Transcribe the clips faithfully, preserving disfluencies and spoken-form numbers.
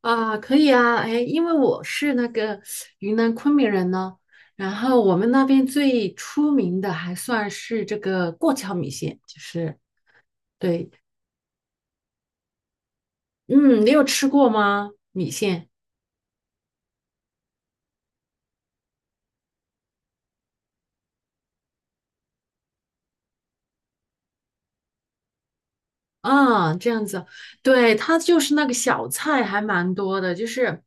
啊，可以啊，哎，因为我是那个云南昆明人呢，然后我们那边最出名的还算是这个过桥米线，就是对，嗯，你有吃过吗？米线？嗯，这样子，对，它就是那个小菜还蛮多的，就是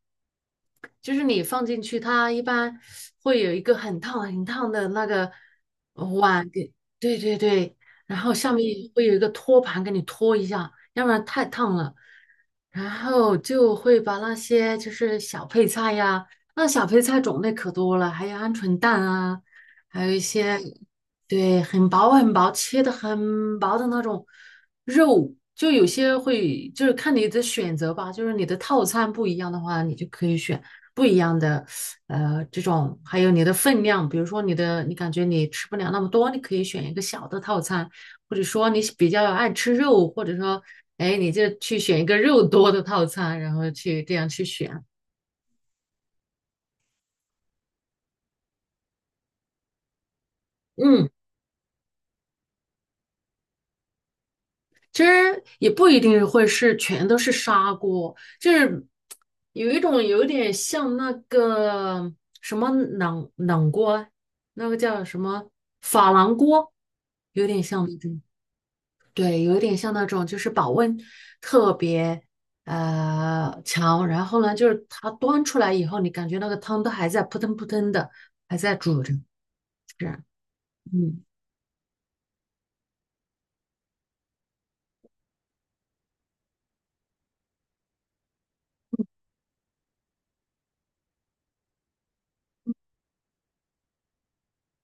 就是你放进去，它一般会有一个很烫很烫的那个碗给，对对对，然后下面会有一个托盘给你托一下，要不然太烫了。然后就会把那些就是小配菜呀，那小配菜种类可多了，还有鹌鹑蛋啊，还有一些对很薄很薄切的很薄的那种。肉就有些会，就是看你的选择吧，就是你的套餐不一样的话，你就可以选不一样的，呃，这种，还有你的分量，比如说你的，你感觉你吃不了那么多，你可以选一个小的套餐，或者说你比较爱吃肉，或者说，哎，你就去选一个肉多的套餐，然后去这样去选，嗯。其实也不一定会是全都是砂锅，就是有一种有点像那个什么冷冷锅，那个叫什么珐琅锅，有点像那种，对，有点像那种，就是保温特别呃强，然后呢，就是它端出来以后，你感觉那个汤都还在扑腾扑腾的，还在煮着，是，嗯。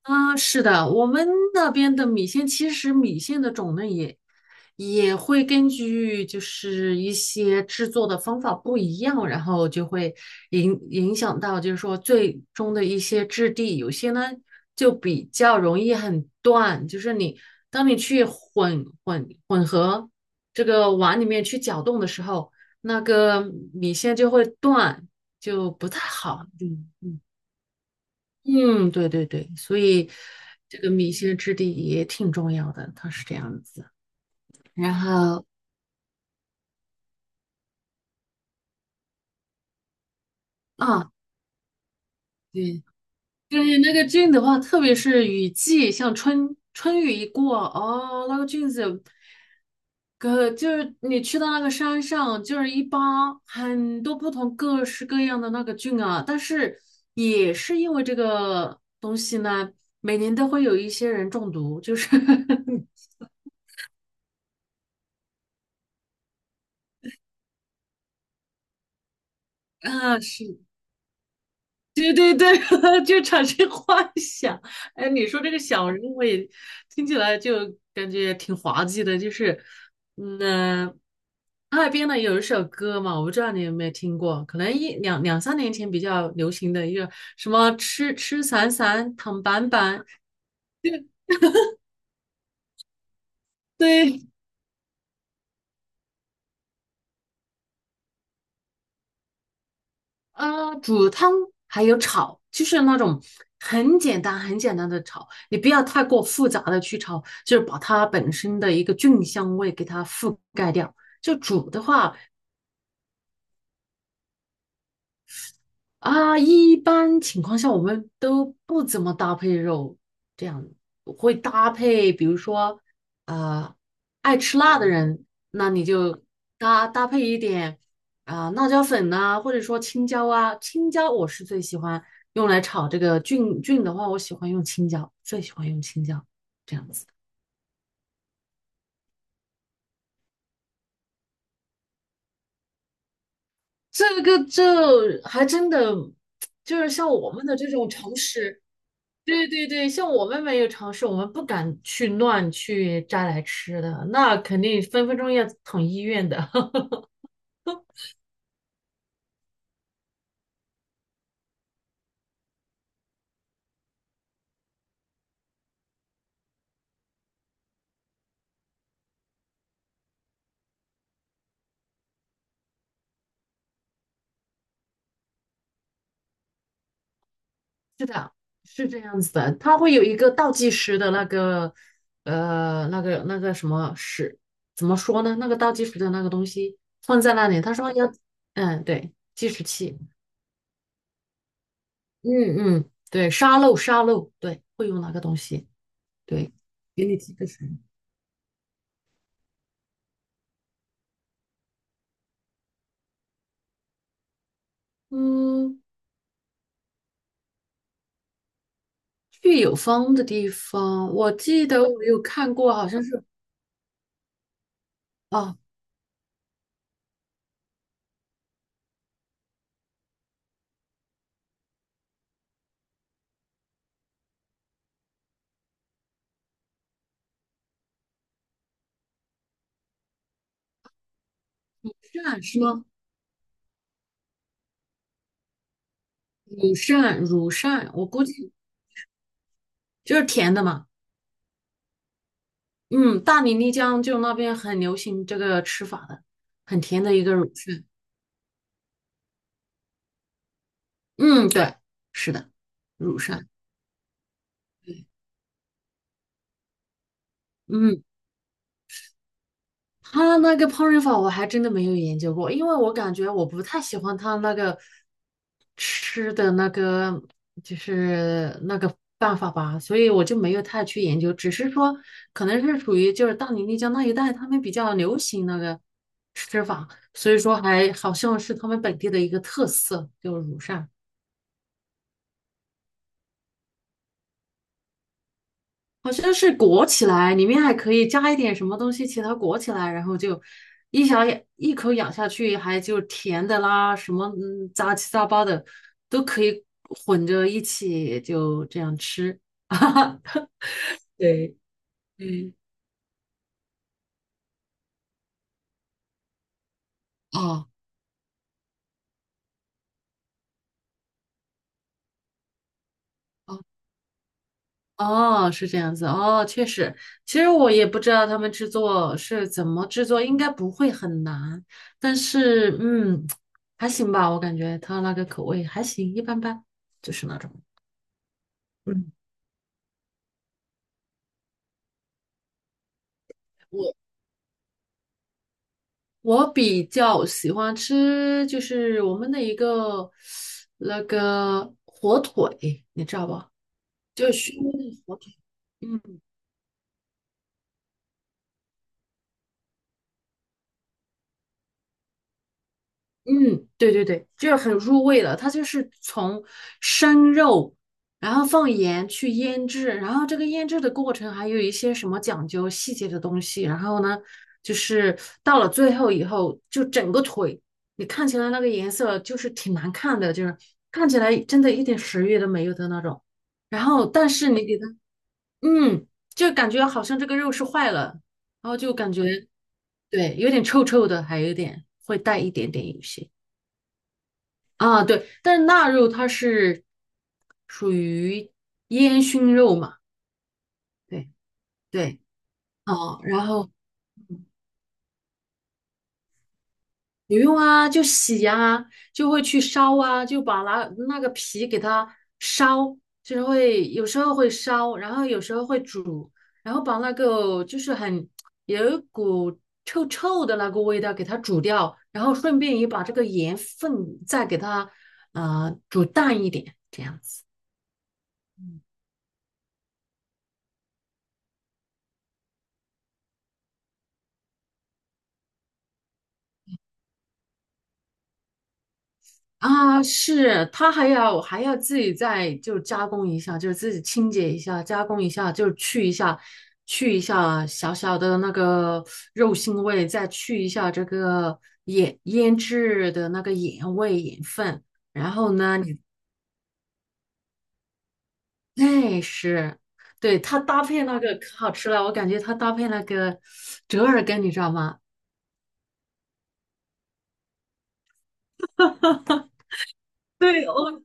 啊，是的，我们那边的米线，其实米线的种类也也会根据就是一些制作的方法不一样，然后就会影影响到就是说最终的一些质地，有些呢就比较容易很断，就是你当你去混混混这个碗里面去搅动的时候，那个米线就会断，就不太好。嗯嗯。嗯，对对对，所以这个米线质地也挺重要的，它是这样子。然后啊，对，对，那个菌的话，特别是雨季，像春春雨一过，哦，那个菌子，可就是你去到那个山上，就是一扒很多不同各式各样的那个菌啊。但是也是因为这个东西呢，每年都会有一些人中毒，就是 啊，是。对 对对，就产生幻想。哎，你说这个小人，我也听起来就感觉挺滑稽的。就是，嗯，呃哈尔滨呢有一首歌嘛，我不知道你有没有听过，可能一两两三年前比较流行的一个什么“吃吃散散躺板板”，对，呃，煮汤还有炒，就是那种很简单、很简单的炒，你不要太过复杂的去炒，就是把它本身的一个菌香味给它覆盖掉。就煮的话，啊，一般情况下我们都不怎么搭配肉，这样会搭配，比如说，呃，爱吃辣的人，那你就搭搭配一点啊、辣椒粉呐、或者说青椒啊，青椒我是最喜欢用来炒这个菌菌的话，我喜欢用青椒，最喜欢用青椒这样子。这个就还真的就是像我们的这种常识。对对对，像我们没有尝试，我们不敢去乱去摘来吃的，那肯定分分钟要捅医院的。是的，是这样子的，它会有一个倒计时的那个，呃，那个那个什么时，怎么说呢？那个倒计时的那个东西放在那里，他说要，嗯，对，计时器，嗯嗯，对，沙漏沙漏，对，会用那个东西，对，给你提个醒，嗯。去有风的地方，我记得我有看过，好像是哦，扇是吗？乳扇，乳扇，我估计就是甜的嘛。嗯，大理、丽江就那边很流行这个吃法的，很甜的一个乳扇。嗯，对，是的，乳扇。对，嗯他那个烹饪法我还真的没有研究过，因为我感觉我不太喜欢他那个吃的那个就是那个办法吧，所以我就没有太去研究，只是说可能是属于就是大理丽江那一带他们比较流行那个吃法，所以说还好像是他们本地的一个特色，就是乳扇。好像是裹起来，里面还可以加一点什么东西，其他裹起来，然后就一小一口咬下去，还就甜的啦，什么嗯杂七杂八的都可以混着一起就这样吃。对，嗯，哦哦哦，是这样子哦，确实，其实我也不知道他们制作是怎么制作，应该不会很难，但是嗯，还行吧，我感觉它那个口味还行，一般般，就是那种。嗯，我我比较喜欢吃，就是我们的一个那个火腿，你知道吧？就是熏的火腿。嗯嗯，对对对，就是很入味了。它就是从生肉，然后放盐去腌制，然后这个腌制的过程还有一些什么讲究细节的东西。然后呢，就是到了最后以后，就整个腿，你看起来那个颜色就是挺难看的，就是看起来真的一点食欲都没有的那种。然后，但是你给它，嗯，就感觉好像这个肉是坏了，然后就感觉对，有点臭臭的，还有点会带一点点有些。啊，对，但是腊肉它是属于烟熏肉嘛，对对，哦，然后不用啊，就洗啊，就会去烧啊，就把那那个皮给它烧，就是会有时候会烧，然后有时候会煮，然后把那个就是很有一股臭臭的那个味道给它煮掉，然后顺便也把这个盐分再给它啊煮淡一点，这样。啊，是，它还要还要自己再就加工一下，就是自己清洁一下，加工一下，就是去一下，去一下小小的那个肉腥味，再去一下这个盐腌制的那个盐味盐分，然后呢，你哎是，对它搭配那个可好吃了，我感觉它搭配那个折耳根，你知道吗？对，我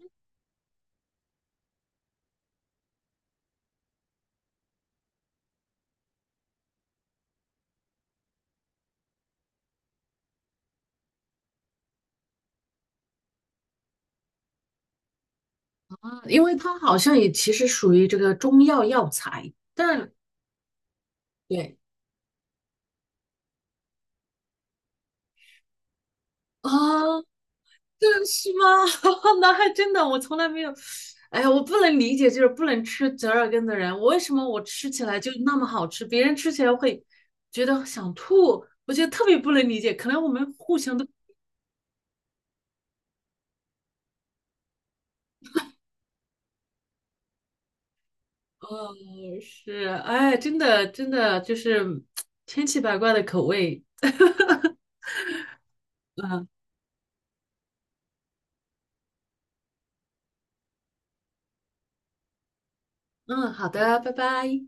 啊，因为它好像也其实属于这个中药药材，但对啊，这是吗？那还真的，我从来没有。哎呀，我不能理解，就是不能吃折耳根的人，我为什么我吃起来就那么好吃，别人吃起来会觉得想吐，我觉得特别不能理解。可能我们互相都，呃，是，哎，真的，真的就是千奇百怪的口味。嗯嗯，好的，拜拜。